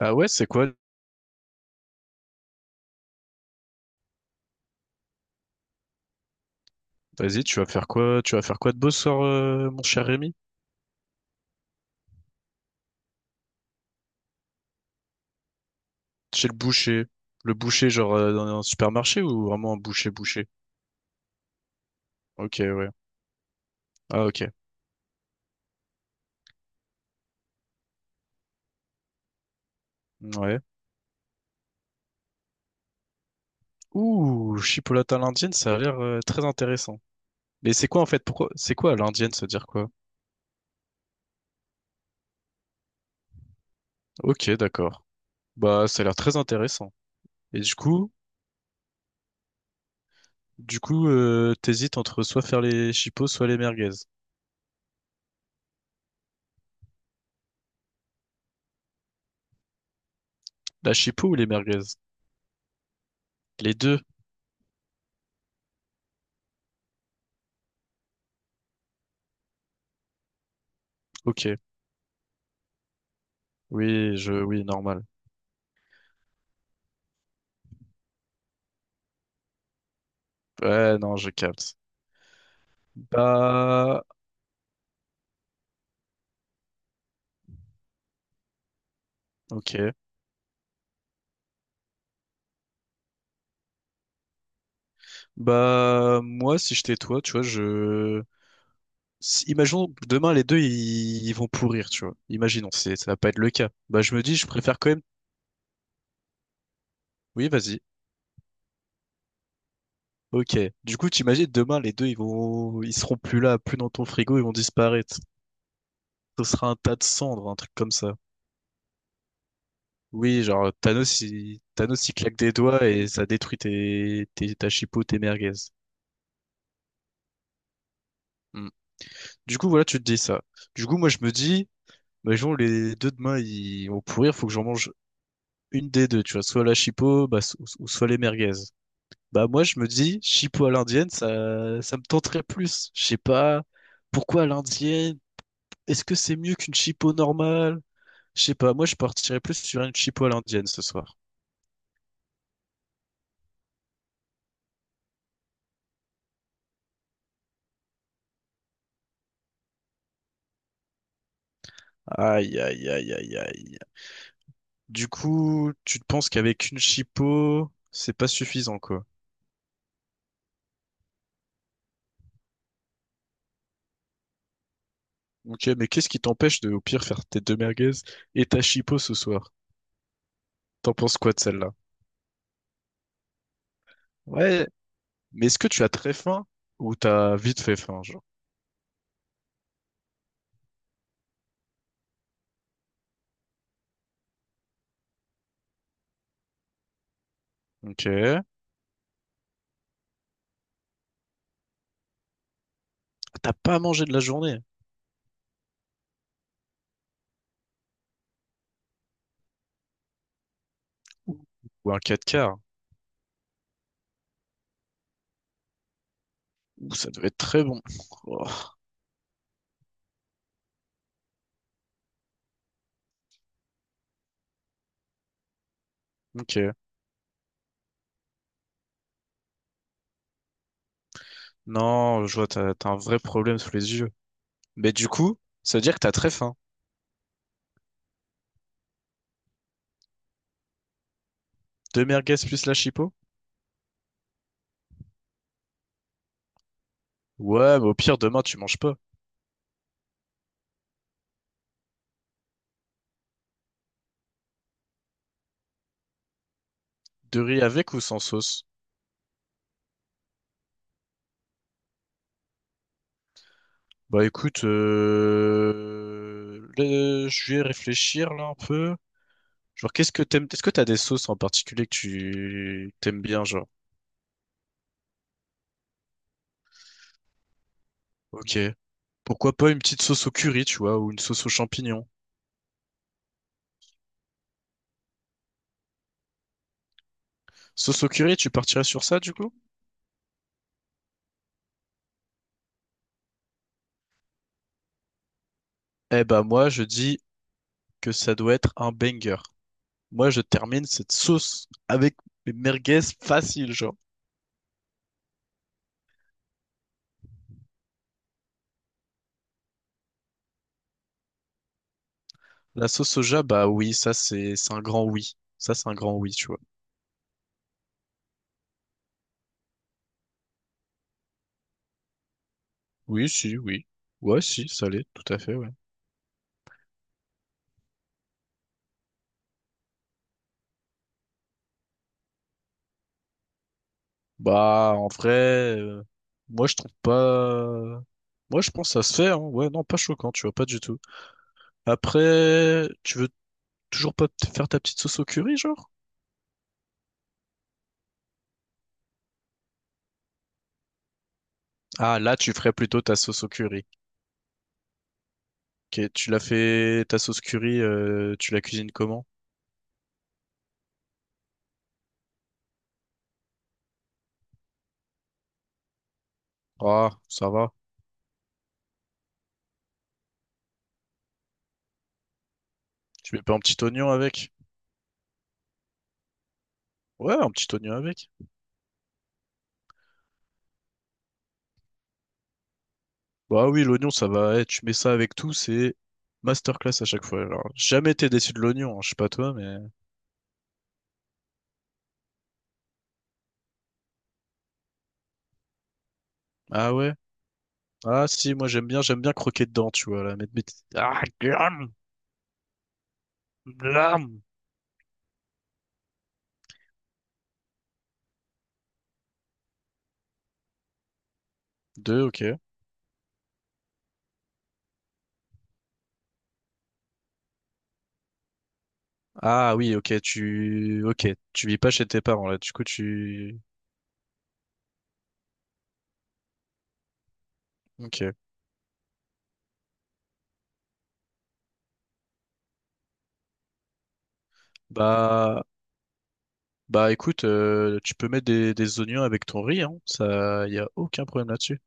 Ah ouais, c'est quoi? Vas-y, tu vas faire quoi? Tu vas faire quoi de beau ce soir, mon cher Rémi? Chez le boucher. Le boucher, genre dans un supermarché ou vraiment un boucher boucher? Ok, ouais. Ah ok. Ouais. Ouh, chipolata à l'indienne, ça a l'air très intéressant. Mais c'est quoi en fait? Pourquoi? C'est quoi à l'indienne, ça veut dire quoi? Ok, d'accord. Bah, ça a l'air très intéressant. Et du coup, du coup, t'hésites entre soit faire les chipos soit les merguez. La chipo ou les merguez? Les deux. Ok. Oui, je, oui, normal. Ouais, non, je capte. Bah, ok. Bah, moi, si j'étais toi, tu vois, je... Imaginons que demain, les deux, ils vont pourrir, tu vois. Imaginons, c'est, ça va pas être le cas. Bah, je me dis, je préfère quand même... Oui, vas-y. Ok. Du coup, t'imagines, demain, les deux, ils vont... Ils seront plus là, plus dans ton frigo, ils vont disparaître. Ce sera un tas de cendres, un truc comme ça. Oui, genre, Thanos, il claque des doigts et ça détruit tes, tes, ta chipo, tes merguez. Hmm. Du coup, voilà, tu te dis ça. Du coup, moi, je me dis... Imaginons les deux demain ils vont pourrir, faut que j'en mange une des deux, tu vois, soit la chipo bah, ou soit les merguez. Bah moi je me dis chipo à l'indienne, ça me tenterait plus. Je sais pas pourquoi à l'indienne, est-ce que c'est mieux qu'une chipo normale? Je sais pas, moi je partirais plus sur une chipo à l'indienne ce soir. Aïe aïe aïe aïe aïe. Du coup, tu te penses qu'avec une chipot, c'est pas suffisant, quoi. Ok, mais qu'est-ce qui t'empêche de, au pire, faire tes deux merguez et ta chipot ce soir? T'en penses quoi de celle-là? Ouais, mais est-ce que tu as très faim ou t'as vite fait faim, genre? Ok. T'as pas mangé de la journée? Ouh. Ou un 4 quarts? Ouh, ça devait être très bon. Oh, Ok. Non, je vois, t'as, t'as un vrai problème sous les yeux. Mais du coup, ça veut dire que t'as très faim. Deux merguez plus la chipot? Ouais, mais au pire, demain, tu manges pas. De riz avec ou sans sauce? Bah écoute, je vais réfléchir là un peu. Genre, qu'est-ce que t'aimes? Est-ce que t'as des sauces en particulier que tu t'aimes bien, genre? Ok. Pourquoi pas une petite sauce au curry, tu vois, ou une sauce aux champignons? Sauce au curry, tu partirais sur ça, du coup? Eh bah moi, je dis que ça doit être un banger. Moi, je termine cette sauce avec mes merguez facile, genre. La sauce soja, bah oui, ça c'est un grand oui. Ça c'est un grand oui, tu vois. Oui, si, oui. Ouais, si, ça l'est, tout à fait, ouais. Bah, en vrai, euh, moi je trouve pas. Moi je pense que ça se fait, hein. Ouais, non, pas choquant, tu vois, pas du tout. Après, tu veux toujours pas te faire ta petite sauce au curry, genre? Ah, là, tu ferais plutôt ta sauce au curry. Ok, tu l'as fait, ta sauce curry, tu la cuisines comment? Ah, ça va. Tu mets pas un petit oignon avec? Ouais, un petit oignon avec. Bah oui, l'oignon, ça va. Eh, tu mets ça avec tout, c'est masterclass à chaque fois. Alors, jamais été déçu de l'oignon, hein, je sais pas toi, mais. Ah ouais? Ah si, moi j'aime bien croquer dedans, tu vois, là, mettre mes petites- Ah, glam, glam. Deux, ok. Ah oui, ok, ok, tu vis pas chez tes parents là, du coup tu, ok. Bah, bah écoute, tu peux mettre des oignons avec ton riz, hein, ça, y a aucun problème là-dessus.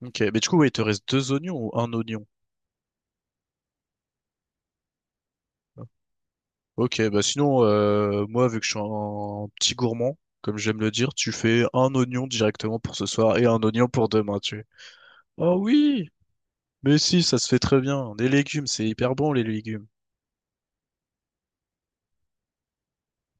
Ok, mais du coup, ouais, il te reste deux oignons ou un oignon? Ok, bah sinon, moi, vu que je suis un petit gourmand, comme j'aime le dire, tu fais un oignon directement pour ce soir et un oignon pour demain, tu. Vois. Oh oui! Mais si, ça se fait très bien. Les légumes, c'est hyper bon, les légumes.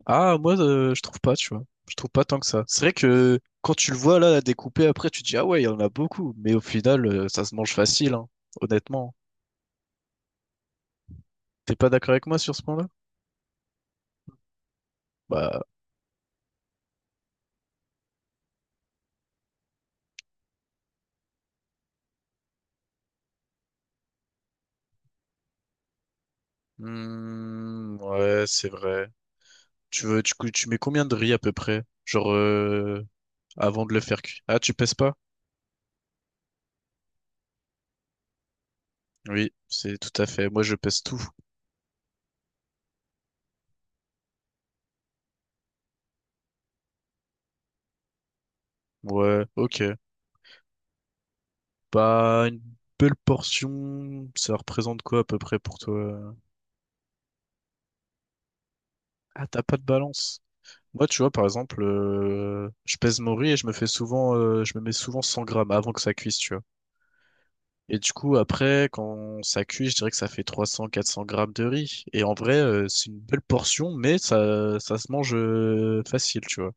Ah, moi, je trouve pas, tu vois. Je trouve pas tant que ça. C'est vrai que quand tu le vois là, découpé après, tu te dis, ah ouais, il y en a beaucoup. Mais au final, ça se mange facile, hein, honnêtement. T'es pas d'accord avec moi sur ce point-là? Bah, hmm, ouais, c'est vrai. Tu veux, tu mets combien de riz à peu près? Genre, avant de le faire cuire. Ah, tu pèses pas? Oui, c'est tout à fait. Moi, je pèse tout. Ouais, ok. Bah, une belle portion, ça représente quoi à peu près pour toi? Ah, t'as pas de balance. Moi, tu vois, par exemple, je pèse mon riz et je me fais souvent, je me mets souvent 100 grammes avant que ça cuise, tu vois. Et du coup, après, quand ça cuit, je dirais que ça fait 300, 400 grammes de riz. Et en vrai, c'est une belle portion, mais ça se mange facile, tu vois.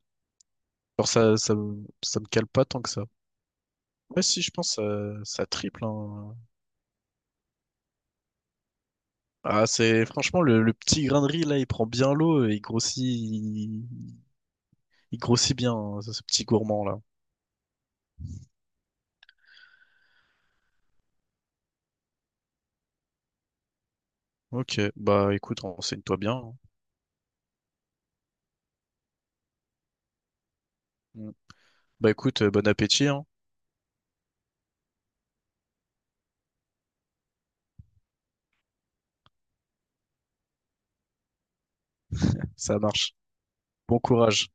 Alors ça, ça me cale pas tant que ça. Ouais, si, je pense que ça triple, hein. Ah, c'est franchement le petit grain de riz là, il prend bien l'eau et il grossit bien hein, ce ce petit gourmand là. Ok, bah écoute, renseigne-toi bien. Hein. Mm. Bah écoute, bon appétit, hein. Ça marche. Bon courage.